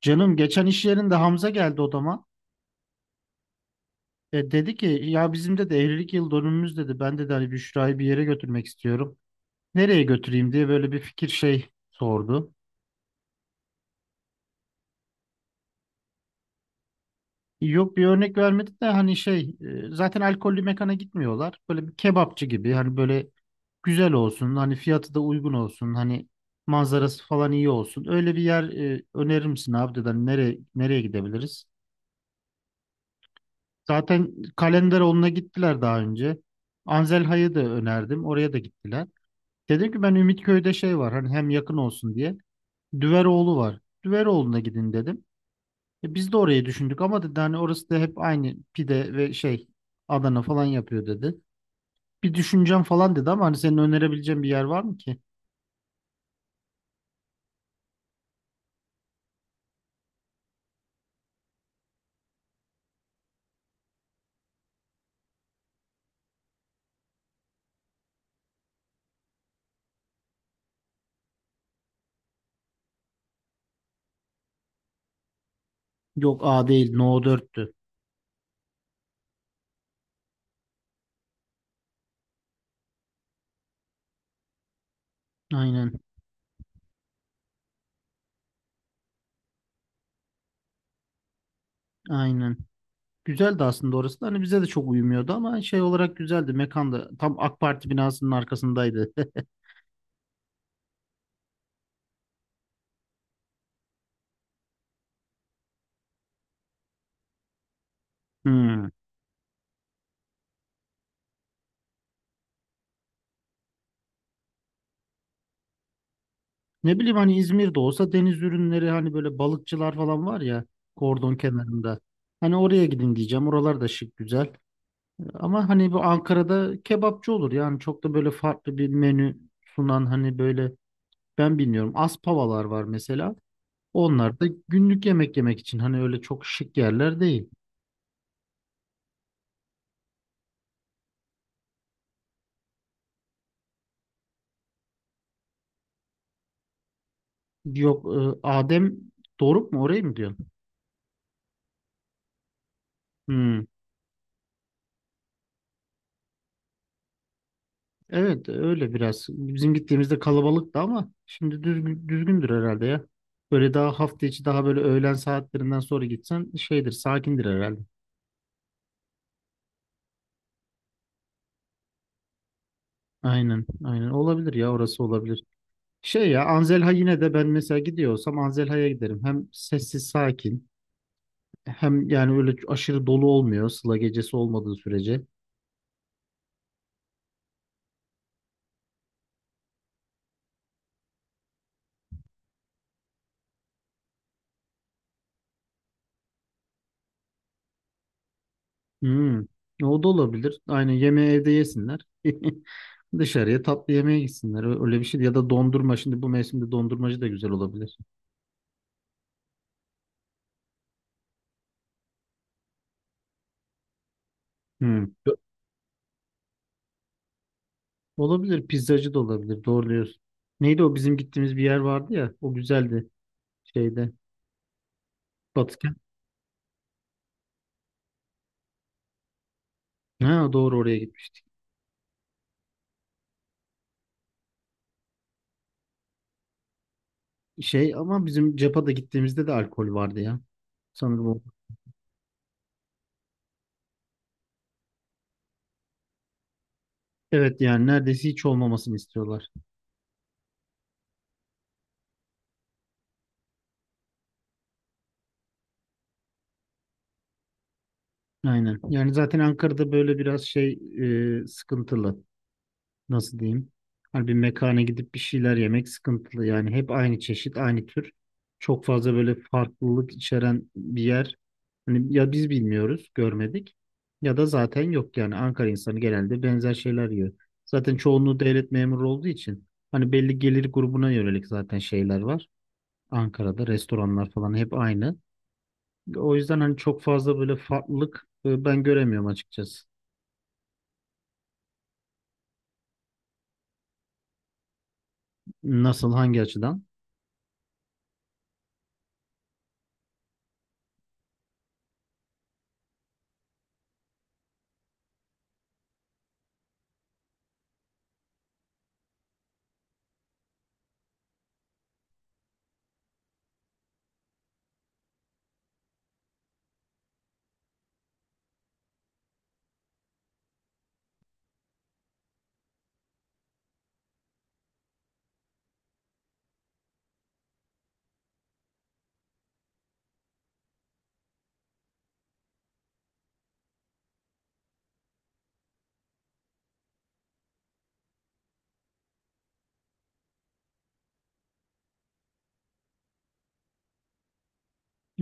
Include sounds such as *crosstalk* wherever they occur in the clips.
Canım geçen iş yerinde Hamza geldi odama. Dedi ki ya bizim de evlilik yıl dönümümüz dedi. Ben de hani Büşra'yı bir yere götürmek istiyorum. Nereye götüreyim diye böyle bir fikir şey sordu. Yok bir örnek vermedi de hani şey zaten alkollü mekana gitmiyorlar. Böyle bir kebapçı gibi hani böyle güzel olsun hani fiyatı da uygun olsun hani manzarası falan iyi olsun. Öyle bir yer önerir misin abi dedi. Hani nereye, nereye gidebiliriz? Zaten Kalenderoğlu'na gittiler daha önce. Anzelha'yı da önerdim. Oraya da gittiler. Dedim ki ben Ümitköy'de şey var hani hem yakın olsun diye. Düveroğlu var. Düveroğlu'na gidin dedim. Biz de orayı düşündük ama dedi hani orası da hep aynı pide ve şey Adana falan yapıyor dedi. Bir düşüneceğim falan dedi ama hani senin önerebileceğin bir yer var mı ki? Yok, A değil, No 4'tü. Aynen, aynen. Güzeldi aslında orası da hani bize de çok uyumuyordu ama şey olarak güzeldi. Mekan da tam AK Parti binasının arkasındaydı. *laughs* Hmm. Ne bileyim hani İzmir'de olsa deniz ürünleri hani böyle balıkçılar falan var ya kordon kenarında. Hani oraya gidin diyeceğim. Oralar da şık, güzel. Ama hani bu Ankara'da kebapçı olur yani çok da böyle farklı bir menü sunan hani böyle ben bilmiyorum, Aspavalar var mesela. Onlar da günlük yemek yemek için hani öyle çok şık yerler değil. Yok, Adem Doruk mu, orayı mı diyorsun? Hmm. Evet, öyle biraz. Bizim gittiğimizde kalabalıktı ama şimdi düzgündür herhalde ya. Böyle daha hafta içi, daha böyle öğlen saatlerinden sonra gitsen şeydir, sakindir herhalde. Aynen, aynen olabilir ya, orası olabilir. Şey ya, Anzelha yine de, ben mesela gidiyor olsam Anzelha'ya giderim. Hem sessiz, sakin, hem yani öyle aşırı dolu olmuyor Sıla gecesi olmadığı sürece. Hmm, o da olabilir. Aynen, yemeği evde yesinler. *laughs* Dışarıya tatlı yemeğe gitsinler. Öyle bir şey. Ya da dondurma. Şimdi bu mevsimde dondurmacı da güzel olabilir. Hmm. Olabilir. Pizzacı da olabilir. Doğru diyorsun. Neydi o bizim gittiğimiz bir yer vardı ya? O güzeldi. Şeyde. Batıken. Ha, doğru, oraya gitmiş. Şey, ama bizim Cepa'da gittiğimizde de alkol vardı ya. Sanırım o. Evet, yani neredeyse hiç olmamasını istiyorlar. Aynen. Yani zaten Ankara'da böyle biraz şey, sıkıntılı. Nasıl diyeyim? Hani bir mekana gidip bir şeyler yemek sıkıntılı. Yani hep aynı çeşit, aynı tür. Çok fazla böyle farklılık içeren bir yer. Hani ya biz bilmiyoruz, görmedik, ya da zaten yok yani Ankara insanı genelde benzer şeyler yiyor. Zaten çoğunluğu devlet memuru olduğu için hani belli gelir grubuna yönelik zaten şeyler var. Ankara'da restoranlar falan hep aynı. O yüzden hani çok fazla böyle farklılık ben göremiyorum açıkçası. Nasıl, hangi açıdan?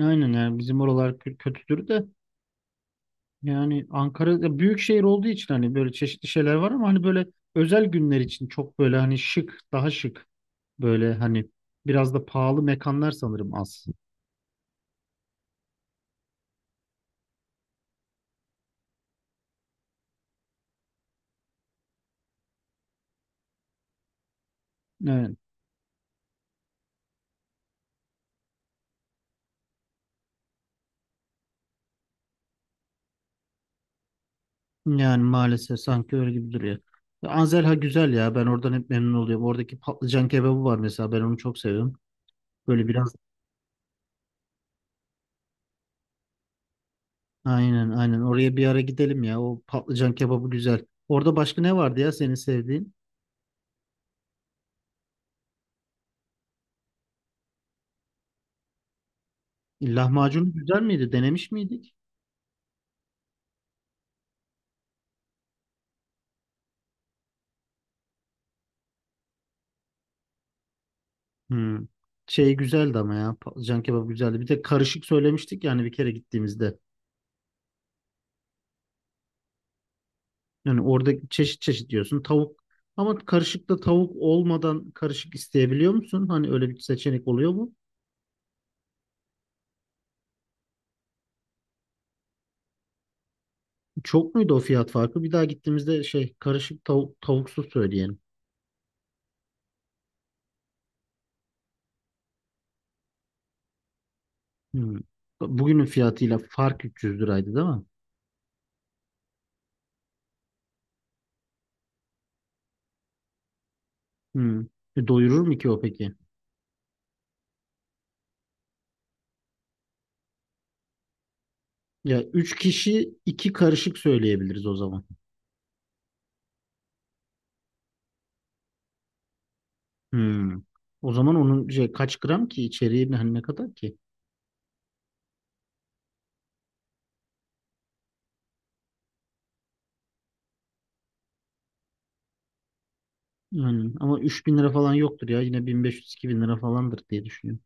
Aynen, yani bizim oralar kötüdür de. Yani Ankara ya büyük şehir olduğu için hani böyle çeşitli şeyler var ama hani böyle özel günler için çok böyle hani şık, daha şık, böyle hani biraz da pahalı mekanlar sanırım az. Evet. Yani maalesef sanki öyle gibi duruyor. Ya, Anzelha güzel ya. Ben oradan hep memnun oluyorum. Oradaki patlıcan kebabı var mesela. Ben onu çok seviyorum. Böyle biraz, aynen, aynen. Oraya bir ara gidelim ya. O patlıcan kebabı güzel. Orada başka ne vardı ya senin sevdiğin? Lahmacun güzel miydi? Denemiş miydik? Hmm. Şey güzeldi ama ya, Can kebabı güzeldi. Bir de karışık söylemiştik yani bir kere gittiğimizde. Yani orada çeşit çeşit diyorsun. Tavuk, ama karışıkta tavuk olmadan karışık isteyebiliyor musun? Hani öyle bir seçenek oluyor mu? Çok muydu o fiyat farkı? Bir daha gittiğimizde şey karışık, tavuk tavuksuz söyleyelim. Hmm. Bugünün fiyatıyla fark 300 liraydı, değil mi? Hmm. Doyurur mu ki o peki? Ya üç kişi 2 karışık söyleyebiliriz o zaman. Hmm. O zaman onun şey, kaç gram ki içeriği, hani ne kadar ki? Aynen. Ama 3.000 lira falan yoktur ya. Yine 1500-2000 lira falandır diye düşünüyorum.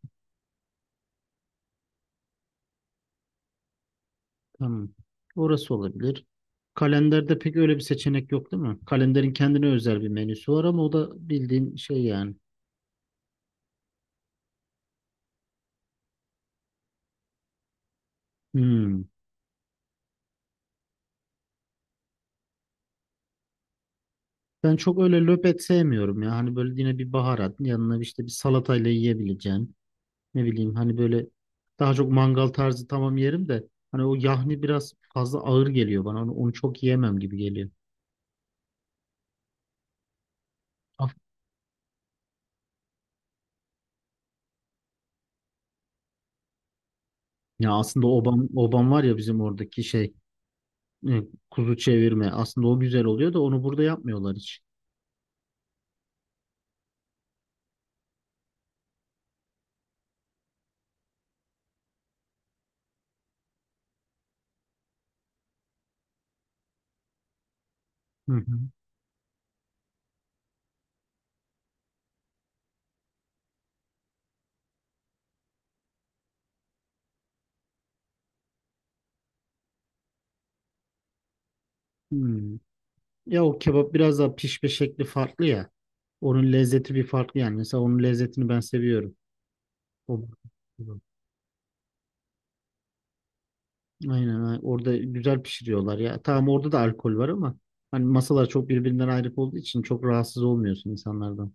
Tamam. Orası olabilir. Kalenderde pek öyle bir seçenek yok değil mi? Kalenderin kendine özel bir menüsü var ama o da bildiğin şey yani. Hmm. Ben çok öyle löpet sevmiyorum ya. Hani böyle yine bir baharat yanına, işte bir salatayla yiyebileceğin. Ne bileyim, hani böyle daha çok mangal tarzı, tamam, yerim de hani o yahni biraz fazla ağır geliyor bana. Onu çok yiyemem gibi geliyor. Af- Ya aslında obam, var ya bizim oradaki şey. Evet, kuzu çevirme. Aslında o güzel oluyor da onu burada yapmıyorlar hiç. Hı hı. Hmm. Ya o kebap biraz daha pişme şekli farklı ya. Onun lezzeti bir farklı yani. Mesela onun lezzetini ben seviyorum. O, aynen aynen. Orada güzel pişiriyorlar ya. Tamam, orada da alkol var ama hani masalar çok birbirinden ayrı olduğu için çok rahatsız olmuyorsun insanlardan.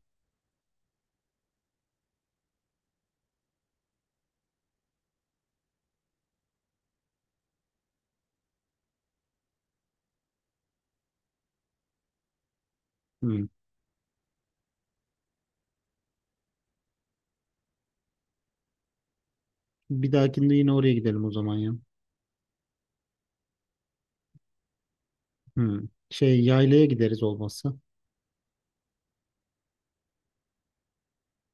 Hmm. Bir dahakinde yine oraya gidelim o zaman ya. Hmm. Şey, yaylaya gideriz olmazsa.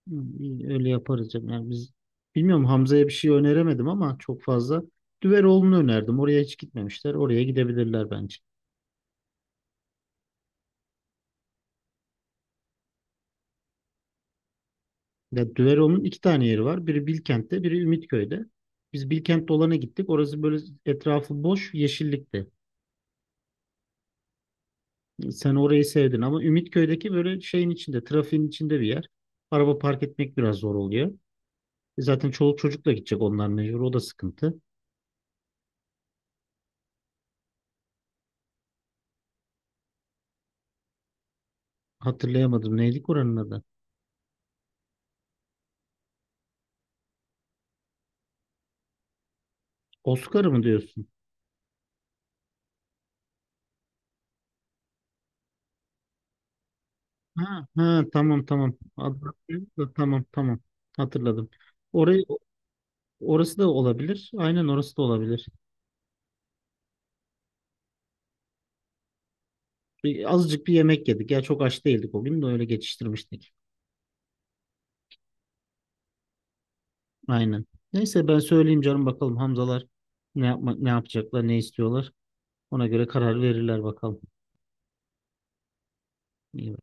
Hı, iyi, öyle yaparız canım. Yani biz, bilmiyorum, Hamza'ya bir şey öneremedim ama çok fazla. Düveroğlu'nu önerdim. Oraya hiç gitmemişler. Oraya gidebilirler bence. Ya, Düveroğlu'nun iki tane yeri var. Biri Bilkent'te, biri Ümitköy'de. Biz Bilkent dolana gittik. Orası böyle etrafı boş, yeşillikti. Sen orayı sevdin ama Ümitköy'deki böyle şeyin içinde, trafiğin içinde bir yer. Araba park etmek biraz zor oluyor. Zaten çoluk çocukla gidecek onlar mecbur. O da sıkıntı. Hatırlayamadım. Neydi oranın adı? Oscar mı diyorsun? Ha, ha, tamam, tamam. Adaptive de, tamam, tamam. Hatırladım. Orayı orası da olabilir. Aynen, orası da olabilir. Azıcık bir yemek yedik. Ya çok aç değildik o gün de öyle geçiştirmiştik. Aynen. Neyse, ben söyleyeyim canım, bakalım Hamzalar ne yapacaklar, ne istiyorlar. Ona göre karar verirler bakalım. İyi.